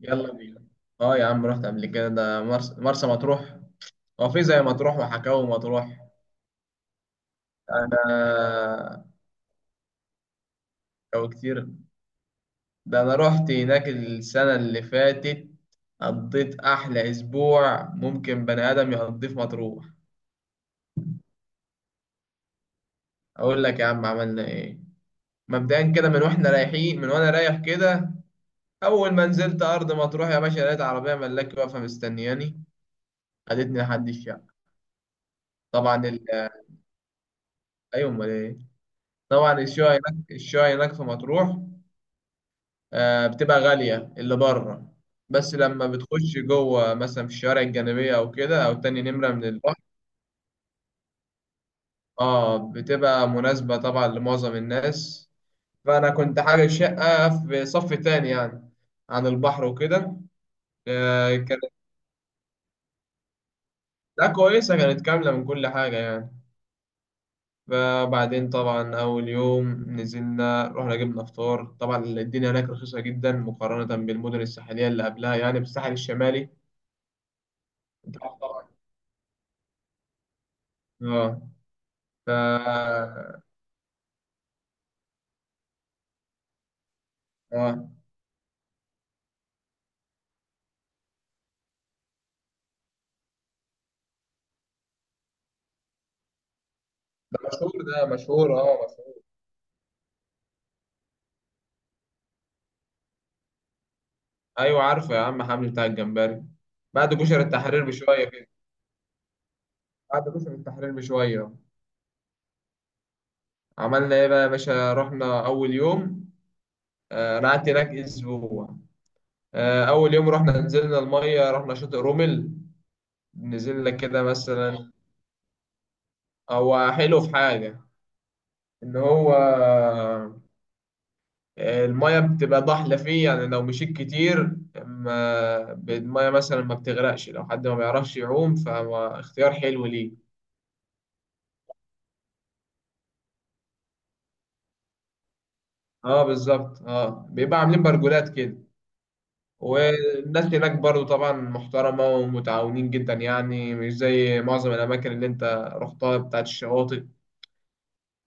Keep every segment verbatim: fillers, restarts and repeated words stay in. يلا بينا. اه يا عم، رحت قبل كده ده مرس- مرسى مطروح. هو في زي مطروح وحكاوي مطروح. انا او كتير. ده انا رحت هناك السنة اللي فاتت، قضيت احلى اسبوع ممكن بني ادم يقضيه في مطروح. اقول لك يا عم عملنا ايه. مبدئيا كده، من واحنا رايحين من وانا رايح كده، اول ما نزلت ارض مطروح يا باشا لقيت عربية ملاكي واقفة مستنياني، خدتني لحد الشقة. طبعا ال... ايوه امال ايه. طبعا الشقة هناك، الشقة هناك في مطروح، آه، بتبقى غالية اللي بره، بس لما بتخش جوه مثلا في الشوارع الجانبية أو كده أو تاني نمرة من البحر اه بتبقى مناسبة طبعا لمعظم الناس. فأنا كنت حاجة شقة في صف تاني يعني، عن البحر وكده. آه، كانت، لا كويسة، كانت كاملة من كل حاجة يعني. فبعدين طبعا أول يوم نزلنا رحنا جبنا فطار، طبعا الدنيا هناك رخيصة جدا مقارنة بالمدن الساحلية اللي قبلها يعني بالساحل الشمالي. انت عارف طبعا. اه. ف اه. ده مشهور، ده مشهور، اه مشهور. ايوه عارفه يا عم حمدي بتاع الجمبري، بعد كشر التحرير بشويه كده. بعد كشر التحرير بشويه. عملنا ايه بقى يا باشا. رحنا اول يوم، آه، انا قعدت هناك اسبوع. آه، اول يوم رحنا نزلنا الميه، رحنا شاطئ رومل، نزلنا كده مثلا. هو حلو في حاجه ان هو المية بتبقى ضحلة فيه يعني، لو مشيت كتير ما المية مثلا ما بتغرقش، لو حد ما بيعرفش يعوم فاختيار حلو ليه. اه بالظبط، اه بيبقى عاملين برجولات كده. والناس هناك برضو طبعا محترمة ومتعاونين جدا يعني، مش زي معظم الأماكن اللي أنت رحتها بتاعت الشواطئ.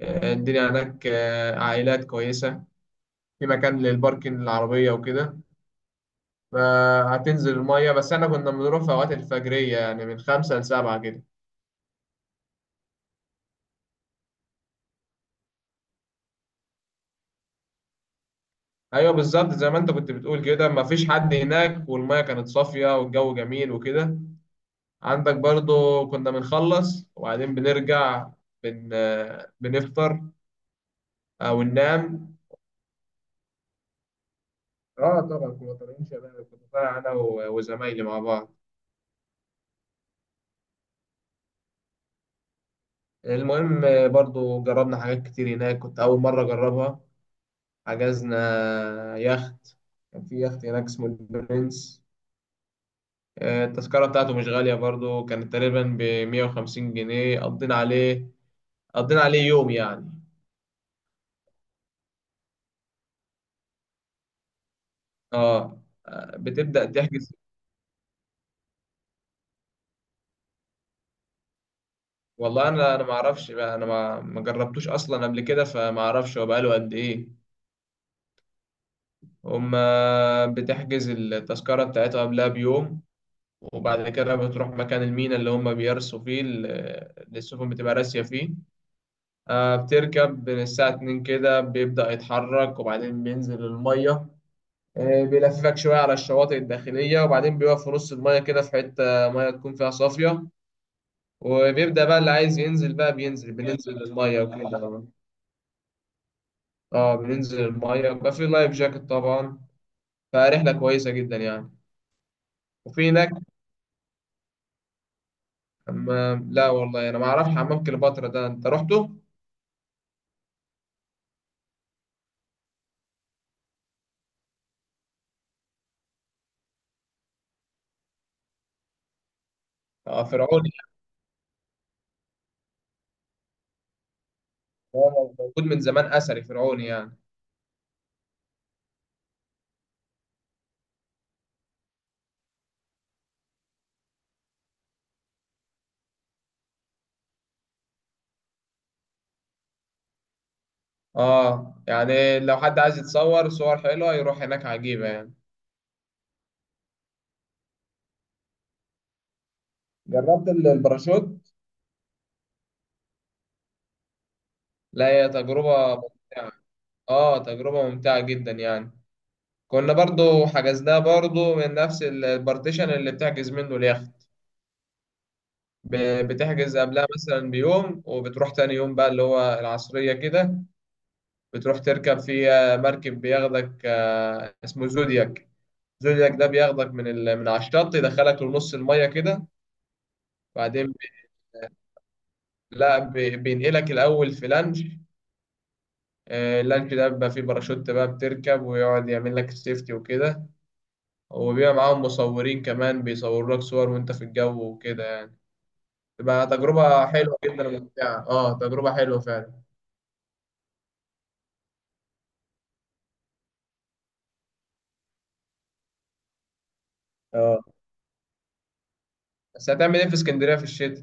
آه، الدنيا هناك آه، عائلات كويسة، في مكان للباركن العربية وكده، فهتنزل المية. بس احنا كنا بنروح في أوقات الفجرية يعني، من خمسة لسبعة كده. ايوه بالظبط، زي ما انت كنت بتقول كده، مفيش حد هناك، والميه كانت صافيه والجو جميل وكده. عندك برضو كنا بنخلص وبعدين بنرجع، بن... بنفطر او ننام. اه طبعا كنا طالعين شباب، كنت طالع انا و- وزمايلي مع بعض. المهم، برضو جربنا حاجات كتير هناك كنت اول مره اجربها. حجزنا يخت، كان في يخت هناك اسمه البرنس. آه، التذكره بتاعته مش غاليه برضو، كانت تقريبا ب مية وخمسين جنيه. قضينا عليه، قضينا عليه يوم يعني. اه. آه، بتبدأ تحجز. والله انا، انا ما اعرفش بقى، انا ما ما جربتوش اصلا قبل كده فما اعرفش هو بقاله قد ايه. هم بتحجز التذكرة بتاعتها قبلها بيوم، وبعد كده بتروح مكان المينا اللي هم بيرسوا فيه، ال- اللي السفن بتبقى راسية فيه. آه، بتركب من الساعة اتنين كده، بيبدأ يتحرك وبعدين بينزل المية. آه، بيلففك شوية على الشواطئ الداخلية، وبعدين بيقف في نص المية كده في حتة مية تكون فيها صافية، وبيبدأ بقى اللي عايز ينزل بقى بينزل، بننزل ينزل المية المية وكده اه. آه، بننزل المية وبقى في لايف جاكيت طبعا، فرحلة كويسة جدا يعني. وفي هناك حمام، لا والله أنا ما أعرفش حمام كليوباترا ده، أنت رحته؟ اه فرعوني يعني. هو موجود من زمان، أثري فرعوني يعني. اه يعني لو حد عايز يتصور صور حلوة يروح هناك، عجيبة يعني. جربت ال- الباراشوت؟ لا هي تجربة ممتعة. اه تجربة ممتعة جدا يعني. كنا برضو حجزناه برضو من نفس ال- البارتيشن اللي بتحجز منه اليخت. ب- بتحجز قبلها مثلا بيوم، وبتروح تاني يوم بقى اللي هو العصرية كده. بتروح تركب فيها مركب بياخدك، آه، اسمه زودياك. زودياك ده بياخدك من ال... من على الشط، يدخلك لنص المية كده. بعدين بي- لا بي- بينقلك الأول في لانش. آه، اللانش ده بيبقى فيه باراشوت بقى، بتركب ويقعد يعمل لك السيفتي وكده. وبيبقى معاهم مصورين كمان، بيصوروا لك صور وانت في الجو وكده يعني. تبقى تجربة حلوة جدا وممتعة، اه تجربة حلوة فعلا. اه بس هتعمل ايه في اسكندرية في الشتاء؟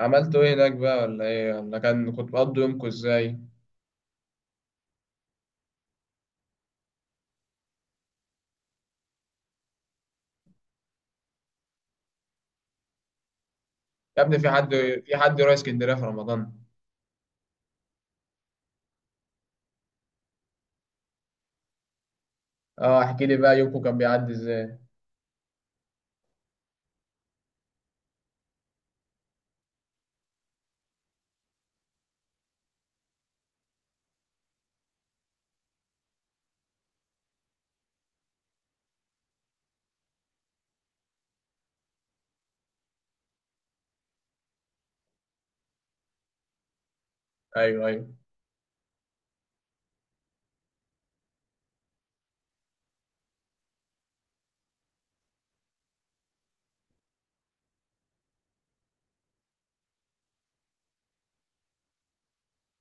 عملتوا ايه هناك بقى ولا ايه؟ ولا كان كنت بتقضوا يومكم ازاي؟ يا ابني في حد، في حد يروح اسكندرية في رمضان؟ اه احكي لي بقى، يومكم كان بيعدي ازاي؟ ايوه ايوه.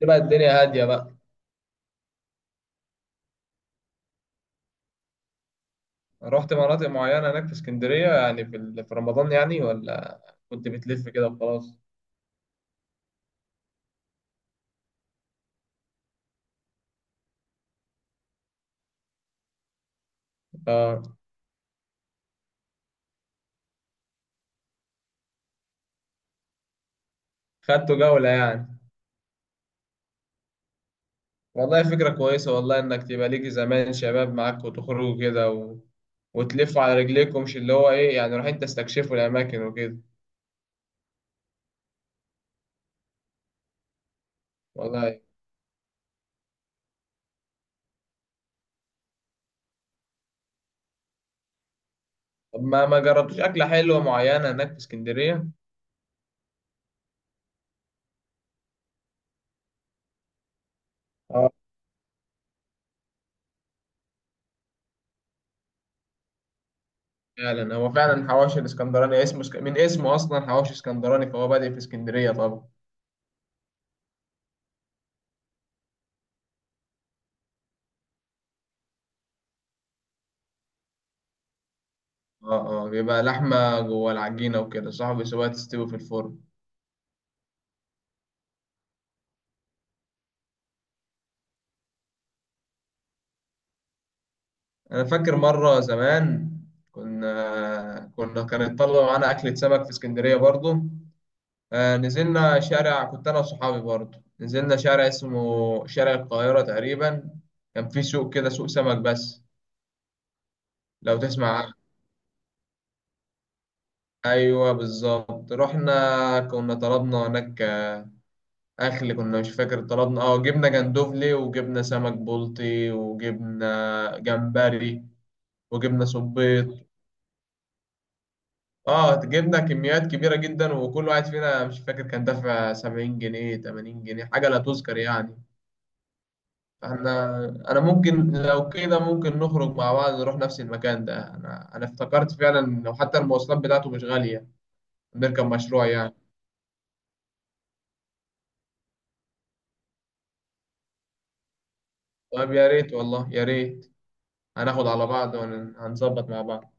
تبقى الدنيا هادية بقى. رحت مناطق معينة هناك في اسكندرية يعني في ال- في رمضان يعني، ولا كنت بتلف كده وخلاص؟ اه. خدتوا جولة يعني. والله فكرة كويسة والله، إنك تبقى ليكي زمان شباب معاك وتخرجوا كده و... وتلفوا على رجليكم، مش اللي هو إيه يعني رايحين تستكشفوا الأماكن وكده. والله. طب ما ما جربتوش أكلة حلوة معينة هناك في اسكندرية؟ اه فعلا، هو فعلا حواوشي الاسكندراني اسمه اسك... من اسمه أصلا حواوشي اسكندراني، فهو بادئ في اسكندرية طبعا. اه اه بيبقى لحمة جوه العجينة وكده صح، بيسيبوها تستوي في الفرن. أنا فاكر مرة زمان كنا كنا كان يطلعوا معانا أكلة سمك في اسكندرية برضه. آه، نزلنا شارع، كنت انا وصحابي برضه، نزلنا شارع اسمه شارع القاهرة تقريبا، كان في سوق كده سوق سمك بس لو تسمع عنه. ايوه بالظبط، رحنا كنا طلبنا هناك اكل، كنا مش فاكر طلبنا اه، جبنا جندوفلي وجبنا سمك بلطي وجبنا جمبري وجبنا صبيط. اه جبنا كميات كبيرة جدا، وكل واحد فينا مش فاكر كان دافع سبعين جنيه تمانين جنيه، حاجة لا تذكر يعني. احنا انا ممكن لو كده، ممكن نخرج مع بعض نروح نفس المكان ده، انا انا افتكرت فعلا، لو حتى المواصلات بتاعته مش غالية نركب مشروع يعني. طب يا ريت والله يا ريت. هناخد على بعض وهنظبط مع بعض.